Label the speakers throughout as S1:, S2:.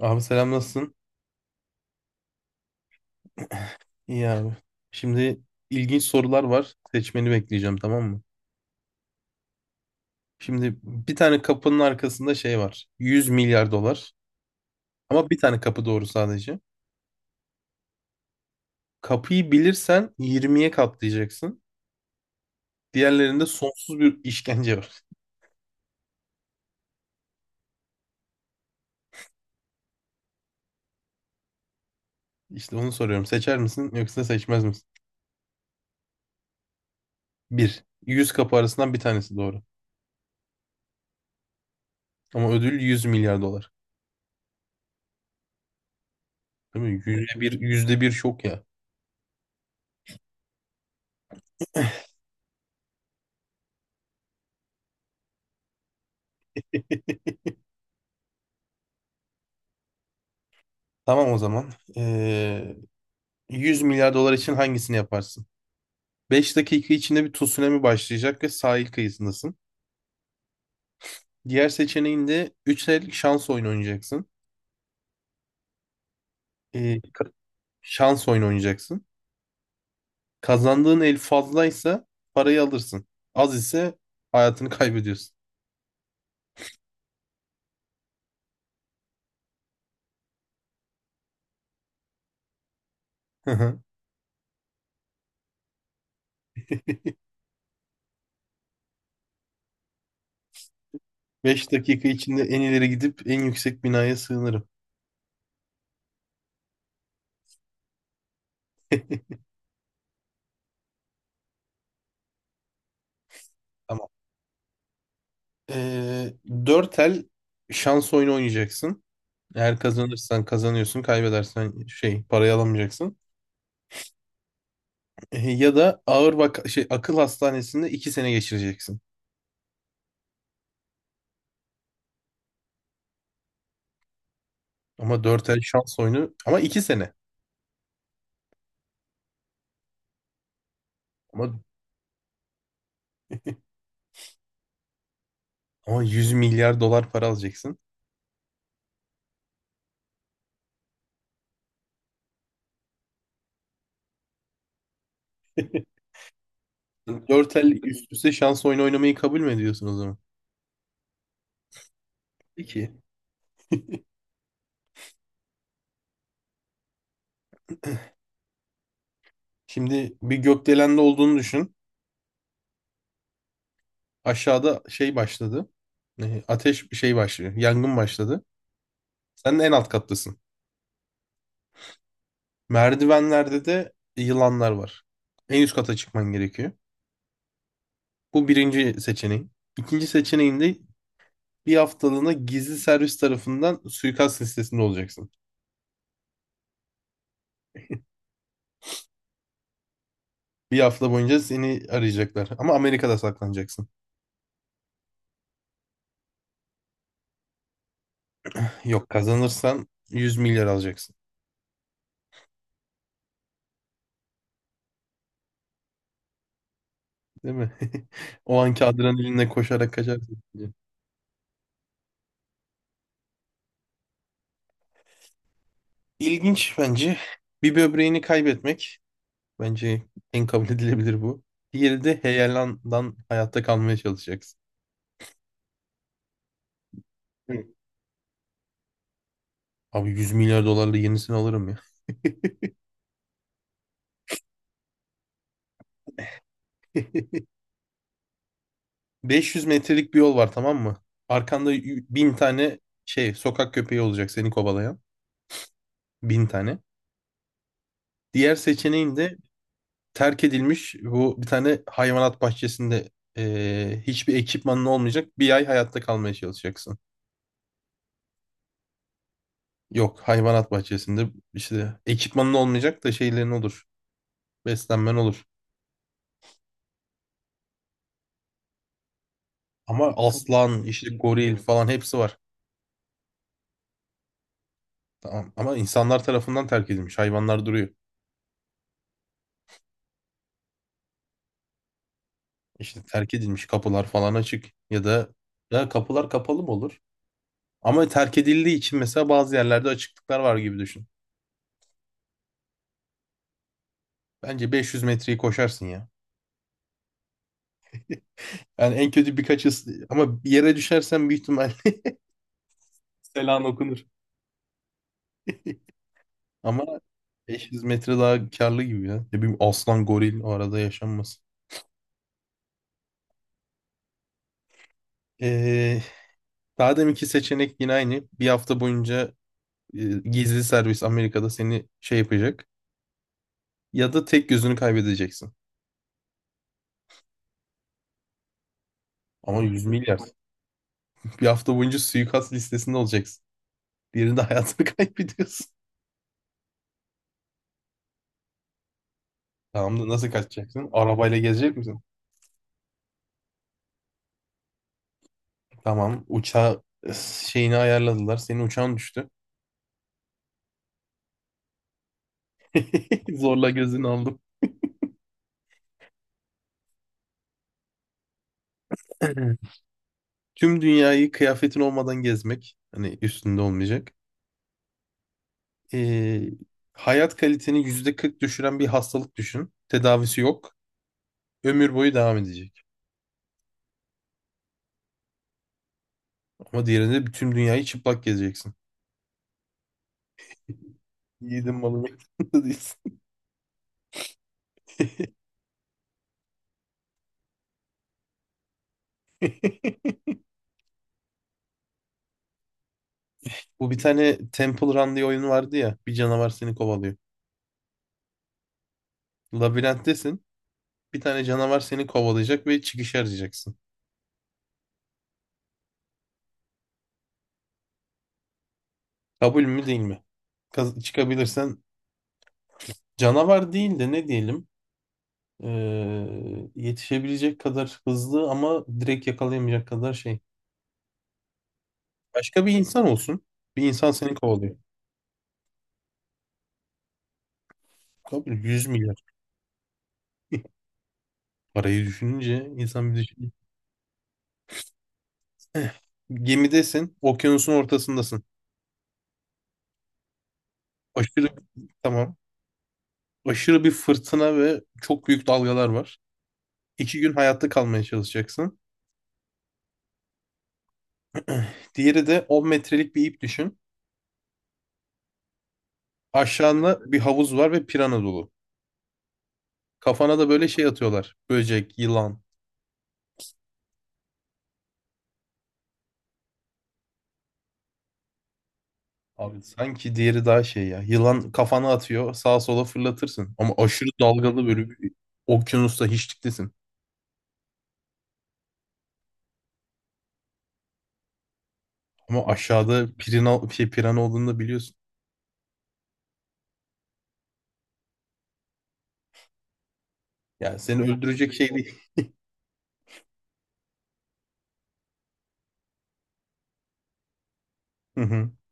S1: Abi selam nasılsın? İyi abi. Şimdi ilginç sorular var. Seçmeni bekleyeceğim tamam mı? Şimdi bir tane kapının arkasında şey var. 100 milyar dolar. Ama bir tane kapı doğru sadece. Kapıyı bilirsen 20'ye katlayacaksın. Diğerlerinde sonsuz bir işkence var. İşte onu soruyorum. Seçer misin yoksa seçmez misin? Bir. 100 kapı arasından bir tanesi doğru. Ama ödül 100 milyar dolar. Değil mi? %1, %1 şok ya. Tamam o zaman. Ee, 100 milyar dolar için hangisini yaparsın? 5 dakika içinde bir tsunami başlayacak ve sahil kıyısındasın. Diğer seçeneğinde 3 el şans oyunu oynayacaksın. Ee, şans oyunu oynayacaksın. Kazandığın el fazlaysa parayı alırsın. Az ise hayatını kaybediyorsun. 5 dakika içinde en ileri gidip en yüksek binaya sığınırım. Tamam. Ee, 4 el şans oyunu oynayacaksın. Eğer kazanırsan kazanıyorsun, kaybedersen şey parayı alamayacaksın. Ya da ağır vaka şey akıl hastanesinde 2 sene geçireceksin. Ama 4 ay şans oyunu ama 2 sene. Ama ama 100 milyar dolar para alacaksın. 4 el üst üste şans oyunu oynamayı kabul mü ediyorsun o zaman? Peki. Şimdi bir gökdelende olduğunu düşün. Aşağıda şey başladı. Ateş şey başlıyor. Yangın başladı. Sen de en alt kattasın. Merdivenlerde de yılanlar var. En üst kata çıkman gerekiyor. Bu birinci seçeneğin. İkinci seçeneğinde bir haftalığına gizli servis tarafından suikast listesinde olacaksın. Bir hafta boyunca seni arayacaklar. Ama Amerika'da saklanacaksın. Yok kazanırsan 100 milyar alacaksın. Değil mi? O anki adrenalinle koşarak kaçarsın. İlginç bence. Bir böbreğini kaybetmek. Bence en kabul edilebilir bu. Diğeri de heyelandan hayatta kalmaya çalışacaksın. Hı. Abi 100 milyar dolarla yenisini alırım ya. 500 metrelik bir yol var tamam mı? Arkanda 1.000 tane şey sokak köpeği olacak seni kovalayan. 1.000 tane. Diğer seçeneğin de terk edilmiş bu bir tane hayvanat bahçesinde hiçbir ekipmanın olmayacak. 1 ay hayatta kalmaya çalışacaksın. Yok hayvanat bahçesinde işte ekipmanın olmayacak da şeylerin olur. Beslenmen olur. Ama aslan işte goril falan hepsi var. Tamam. Ama insanlar tarafından terk edilmiş. Hayvanlar duruyor. İşte terk edilmiş kapılar falan açık ya da ya kapılar kapalı mı olur? Ama terk edildiği için mesela bazı yerlerde açıklıklar var gibi düşün. Bence 500 metreyi koşarsın ya. Yani en kötü birkaç ama bir yere düşersen büyük ihtimal selan okunur. Ama 500 metre daha karlı gibi ya. Ne bileyim aslan goril o arada yaşanmasın. Ee, daha deminki seçenek yine aynı. Bir hafta boyunca gizli servis Amerika'da seni şey yapacak. Ya da tek gözünü kaybedeceksin. Ama 100 milyar. Bir hafta boyunca suikast listesinde olacaksın. Diğerinde hayatını kaybediyorsun. Tamam da nasıl kaçacaksın? Arabayla gezecek misin? Tamam. Uçağı şeyini ayarladılar. Senin uçağın düştü. Zorla gözünü aldım. Tüm dünyayı kıyafetin olmadan gezmek. Hani üstünde olmayacak. Ee, hayat kaliteni %40 düşüren bir hastalık düşün. Tedavisi yok. Ömür boyu devam edecek. Ama diğerinde bütün dünyayı çıplak gezeceksin. Yiğidin malı mektubu değilsin. Bu bir tane Temple Run diye oyun vardı ya. Bir canavar seni kovalıyor. Labirenttesin. Bir tane canavar seni kovalayacak ve çıkışı arayacaksın. Kabul mü değil mi? Çıkabilirsen canavar değil de ne diyelim? Yetişebilecek kadar hızlı ama direkt yakalayamayacak kadar şey. Başka bir insan olsun. Bir insan seni kovalıyor. Kabul 100 milyar. Parayı düşününce insan bir düşünüyor. Eh, Gemidesin. Okyanusun ortasındasın. Aşırı tamam. Aşırı bir fırtına ve çok büyük dalgalar var. 2 gün hayatta kalmaya çalışacaksın. Diğeri de 10 metrelik bir ip düşün. Aşağında bir havuz var ve pirana dolu. Kafana da böyle şey atıyorlar. Böcek, yılan. Abi sanki diğeri daha şey ya. Yılan kafana atıyor, sağa sola fırlatırsın. Ama aşırı dalgalı böyle bir okyanusta hiçliktesin. Ama aşağıda pirana olduğunu da biliyorsun. Yani seni öldürecek şey değil.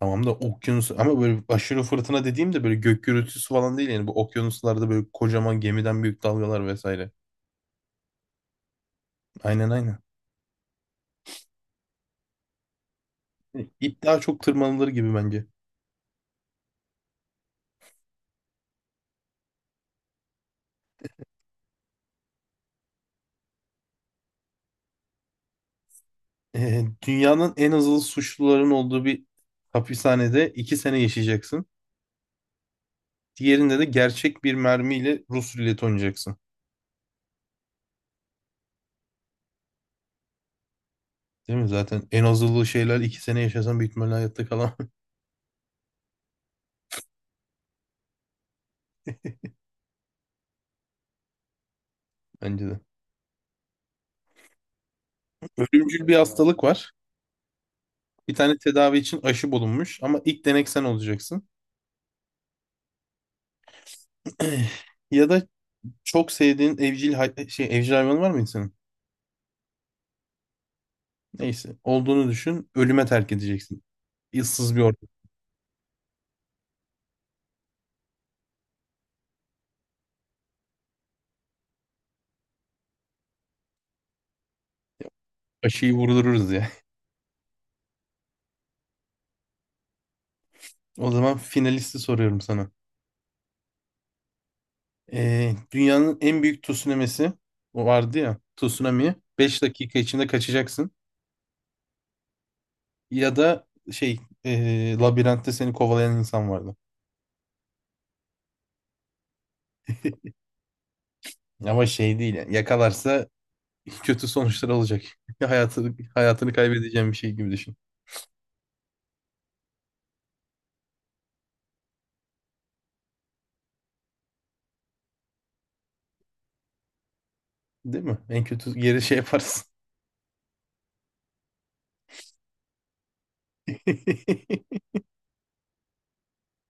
S1: Tamam da okyanus ama böyle aşırı fırtına dediğimde böyle gök gürültüsü falan değil yani bu okyanuslarda böyle kocaman gemiden büyük dalgalar vesaire. Aynen aynen. İp daha çok tırmanılır gibi bence. Dünyanın en azılı suçluların olduğu bir hapishanede 2 sene yaşayacaksın. Diğerinde de gerçek bir mermiyle Rus ruleti oynayacaksın. Değil mi? Zaten en azılı şeyler 2 sene yaşasan büyük ihtimalle hayatta kalamam bence de. Ölümcül bir hastalık var. Bir tane tedavi için aşı bulunmuş ama ilk denek sen olacaksın. Ya da çok sevdiğin evcil evcil hayvanı var mı insanın? Neyse. Olduğunu düşün. Ölüme terk edeceksin. Issız bir ortam. Aşıyı vurdururuz ya. O zaman finalisti soruyorum sana. Dünyanın en büyük tsunami'si o vardı ya. Tsunami. 5 dakika içinde kaçacaksın. Ya da labirentte seni kovalayan insan vardı. Ama şey değil yani. Yakalarsa kötü sonuçlar olacak. Hayatını kaybedeceğin bir şey gibi düşün. Değil mi? En kötü geri şey yaparsın.